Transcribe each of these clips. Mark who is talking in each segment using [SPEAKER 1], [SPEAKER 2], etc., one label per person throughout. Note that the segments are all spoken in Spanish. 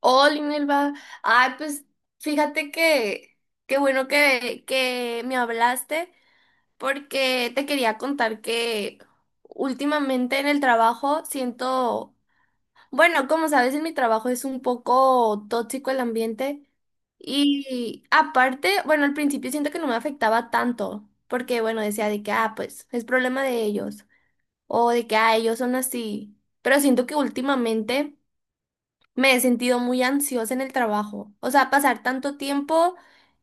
[SPEAKER 1] Hola, Inelva. Ay, pues fíjate que qué bueno que me hablaste porque te quería contar que últimamente en el trabajo siento, bueno, como sabes, en mi trabajo es un poco tóxico el ambiente. Y aparte, bueno, al principio siento que no me afectaba tanto porque, bueno, decía de que, ah, pues es problema de ellos o de que, ah, ellos son así, pero siento que últimamente... Me he sentido muy ansiosa en el trabajo. O sea, pasar tanto tiempo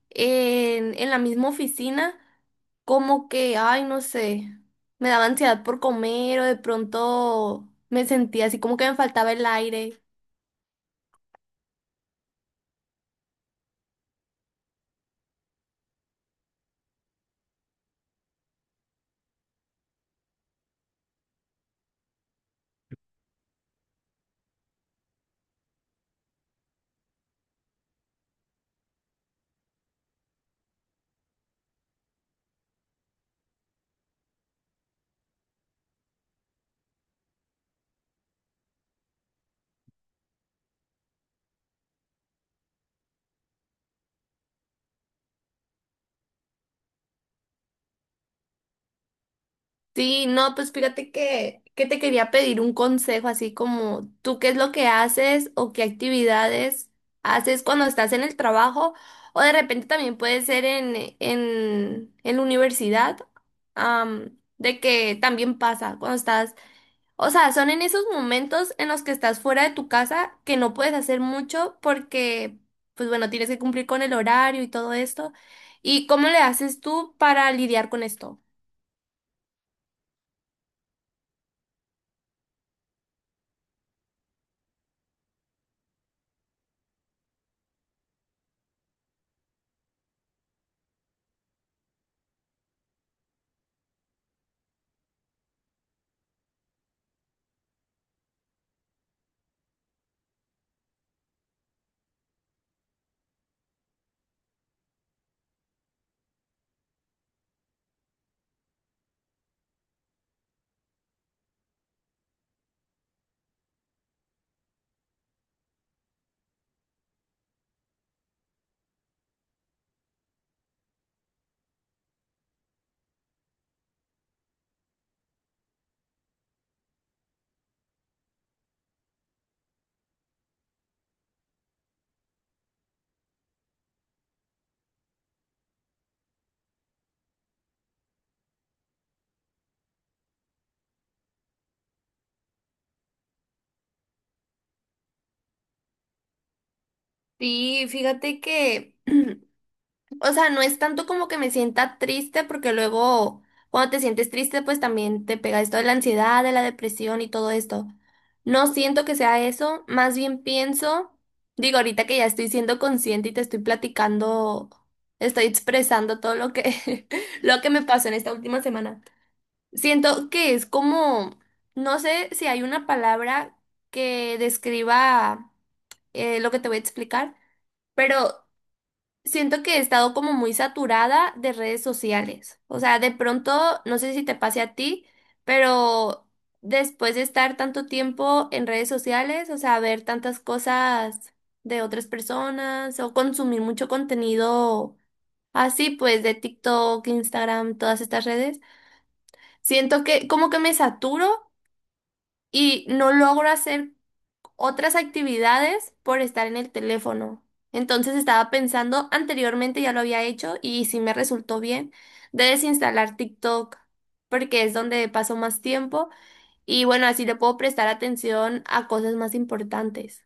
[SPEAKER 1] en la misma oficina, como que, ay, no sé, me daba ansiedad por comer o de pronto me sentía así como que me faltaba el aire. Sí, no, pues fíjate que te quería pedir un consejo, así como tú qué es lo que haces o qué actividades haces cuando estás en el trabajo o de repente también puede ser en la universidad, de que también pasa cuando estás, o sea, son en esos momentos en los que estás fuera de tu casa que no puedes hacer mucho porque, pues bueno, tienes que cumplir con el horario y todo esto. ¿Y cómo le haces tú para lidiar con esto? Sí, fíjate que, o sea, no es tanto como que me sienta triste, porque luego cuando te sientes triste, pues también te pega esto de la ansiedad, de la depresión y todo esto. No siento que sea eso, más bien pienso, digo, ahorita que ya estoy siendo consciente y te estoy platicando, estoy expresando todo lo que, lo que me pasó en esta última semana. Siento que es como, no sé si hay una palabra que describa lo que te voy a explicar. Pero siento que he estado como muy saturada de redes sociales. O sea, de pronto, no sé si te pase a ti, pero después de estar tanto tiempo en redes sociales, o sea, ver tantas cosas de otras personas o consumir mucho contenido así, pues de TikTok, Instagram, todas estas redes, siento que como que me saturo y no logro hacer otras actividades por estar en el teléfono. Entonces estaba pensando, anteriormente ya lo había hecho y sí me resultó bien, de desinstalar TikTok, porque es donde paso más tiempo y bueno, así le puedo prestar atención a cosas más importantes.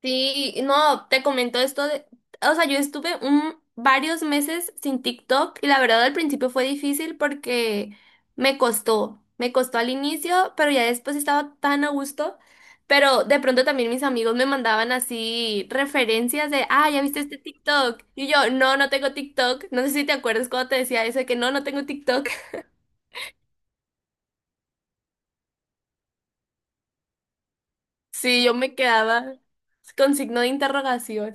[SPEAKER 1] Sí, no, te comento esto de, o sea, yo estuve un, varios meses sin TikTok y la verdad al principio fue difícil porque me costó al inicio, pero ya después estaba tan a gusto, pero de pronto también mis amigos me mandaban así referencias de, ah, ¿ya viste este TikTok? Y yo, no, no tengo TikTok, no sé si te acuerdas cuando te decía eso de que no, no tengo TikTok. Sí, yo me quedaba con signo de interrogación.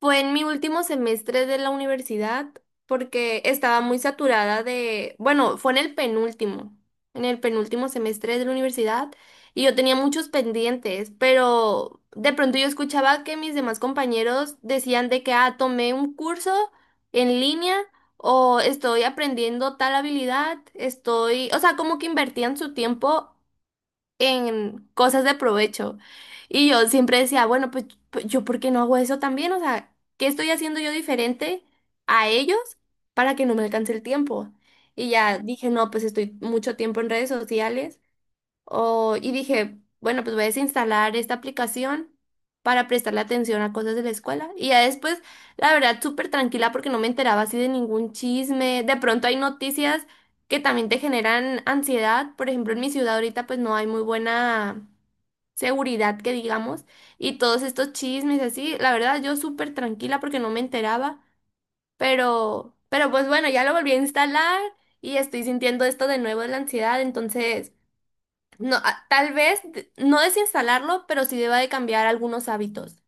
[SPEAKER 1] Fue en mi último semestre de la universidad porque estaba muy saturada de, bueno, fue en el penúltimo semestre de la universidad y yo tenía muchos pendientes, pero de pronto yo escuchaba que mis demás compañeros decían de que, ah, tomé un curso en línea o estoy aprendiendo tal habilidad, estoy, o sea, como que invertían su tiempo en cosas de provecho. Y yo siempre decía, bueno, pues, yo ¿por qué no hago eso también? O sea, ¿qué estoy haciendo yo diferente a ellos para que no me alcance el tiempo? Y ya dije, no, pues estoy mucho tiempo en redes sociales o, y dije, bueno, pues voy a desinstalar esta aplicación para prestarle atención a cosas de la escuela. Y ya después, la verdad, súper tranquila porque no me enteraba así de ningún chisme. De pronto hay noticias que también te generan ansiedad. Por ejemplo, en mi ciudad ahorita pues no hay muy buena seguridad que digamos. Y todos estos chismes así, la verdad, yo súper tranquila porque no me enteraba. Pero pues bueno, ya lo volví a instalar y estoy sintiendo esto de nuevo de la ansiedad. Entonces... No, tal vez no desinstalarlo, pero sí deba de cambiar algunos hábitos.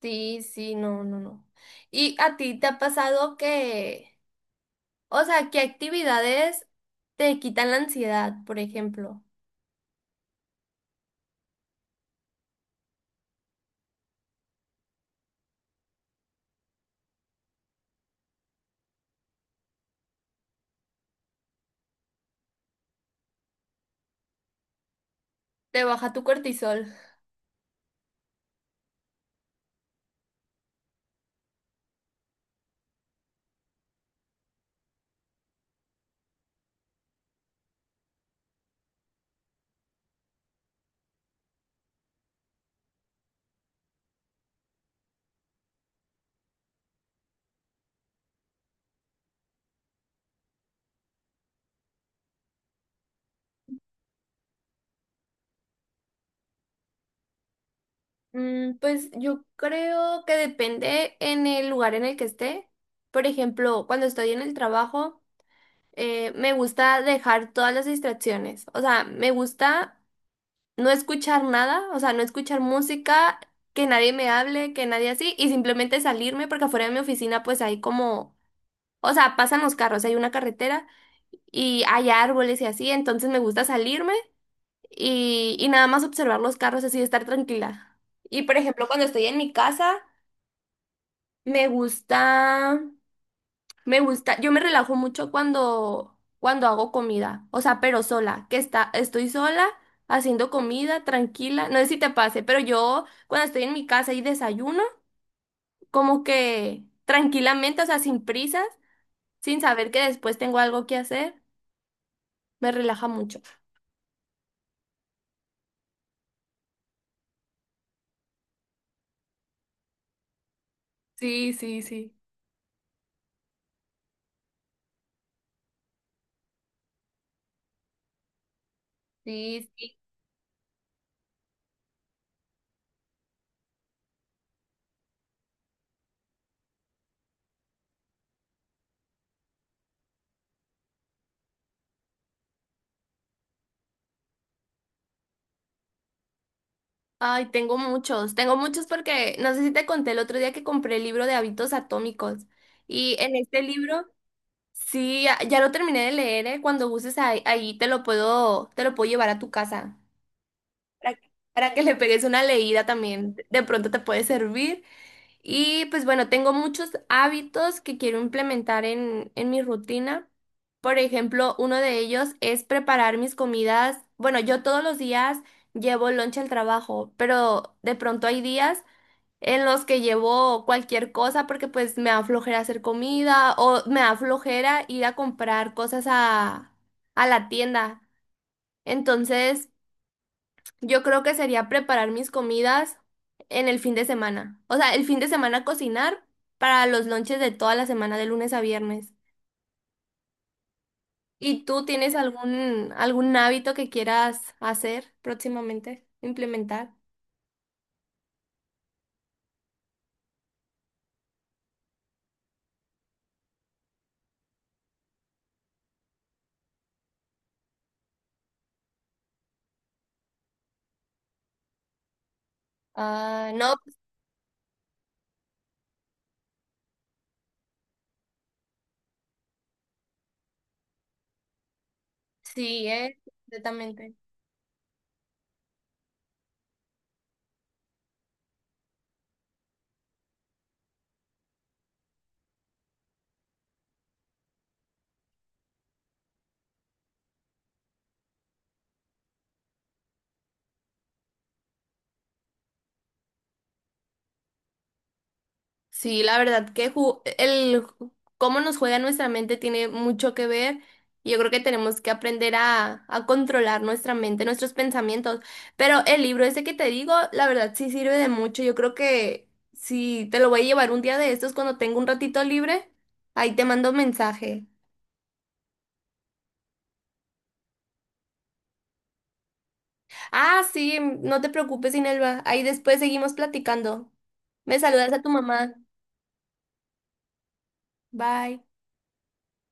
[SPEAKER 1] Sí, sí, no, no, no. ¿Y a ti te ha pasado que, o sea, qué actividades te quitan la ansiedad, por ejemplo? ¿Te baja tu cortisol? Mm, pues yo creo que depende en el lugar en el que esté. Por ejemplo, cuando estoy en el trabajo, me gusta dejar todas las distracciones. O sea, me gusta no escuchar nada, o sea, no escuchar música, que nadie me hable, que nadie así, y simplemente salirme porque afuera de mi oficina pues hay como, o sea, pasan los carros, hay una carretera y hay árboles y así, entonces me gusta salirme y nada más observar los carros así, estar tranquila. Y por ejemplo, cuando estoy en mi casa, me gusta... Me gusta, yo me relajo mucho cuando hago comida, o sea, pero sola, que está, estoy sola haciendo comida, tranquila, no sé si te pase, pero yo cuando estoy en mi casa y desayuno, como que tranquilamente, o sea, sin prisas, sin saber que después tengo algo que hacer, me relaja mucho. Sí, sí, sí. Sí, sí. Ay, tengo muchos porque no sé si te conté el otro día que compré el libro de hábitos atómicos y en este libro... Sí, ya, ya lo terminé de leer, ¿eh? Cuando gustes ahí, te lo puedo llevar a tu casa para, para que le pegues una leída también. De pronto te puede servir. Y pues bueno, tengo muchos hábitos que quiero implementar en mi rutina. Por ejemplo, uno de ellos es preparar mis comidas. Bueno, yo todos los días llevo lunch al trabajo, pero de pronto hay días en los que llevo cualquier cosa porque pues me da flojera hacer comida o me da flojera ir a comprar cosas a la tienda. Entonces, yo creo que sería preparar mis comidas en el fin de semana. O sea, el fin de semana cocinar para los lonches de toda la semana, de lunes a viernes. ¿Y tú tienes algún, algún hábito que quieras hacer próximamente, implementar? Ah, no, sí, completamente. Sí, la verdad que cómo nos juega nuestra mente tiene mucho que ver. Y yo creo que tenemos que aprender a controlar nuestra mente, nuestros pensamientos. Pero el libro ese que te digo, la verdad sí sirve de mucho. Yo creo que si te lo voy a llevar un día de estos cuando tengo un ratito libre, ahí te mando un mensaje. Ah, sí, no te preocupes, Inelva. Ahí después seguimos platicando. Me saludas a tu mamá. Bye.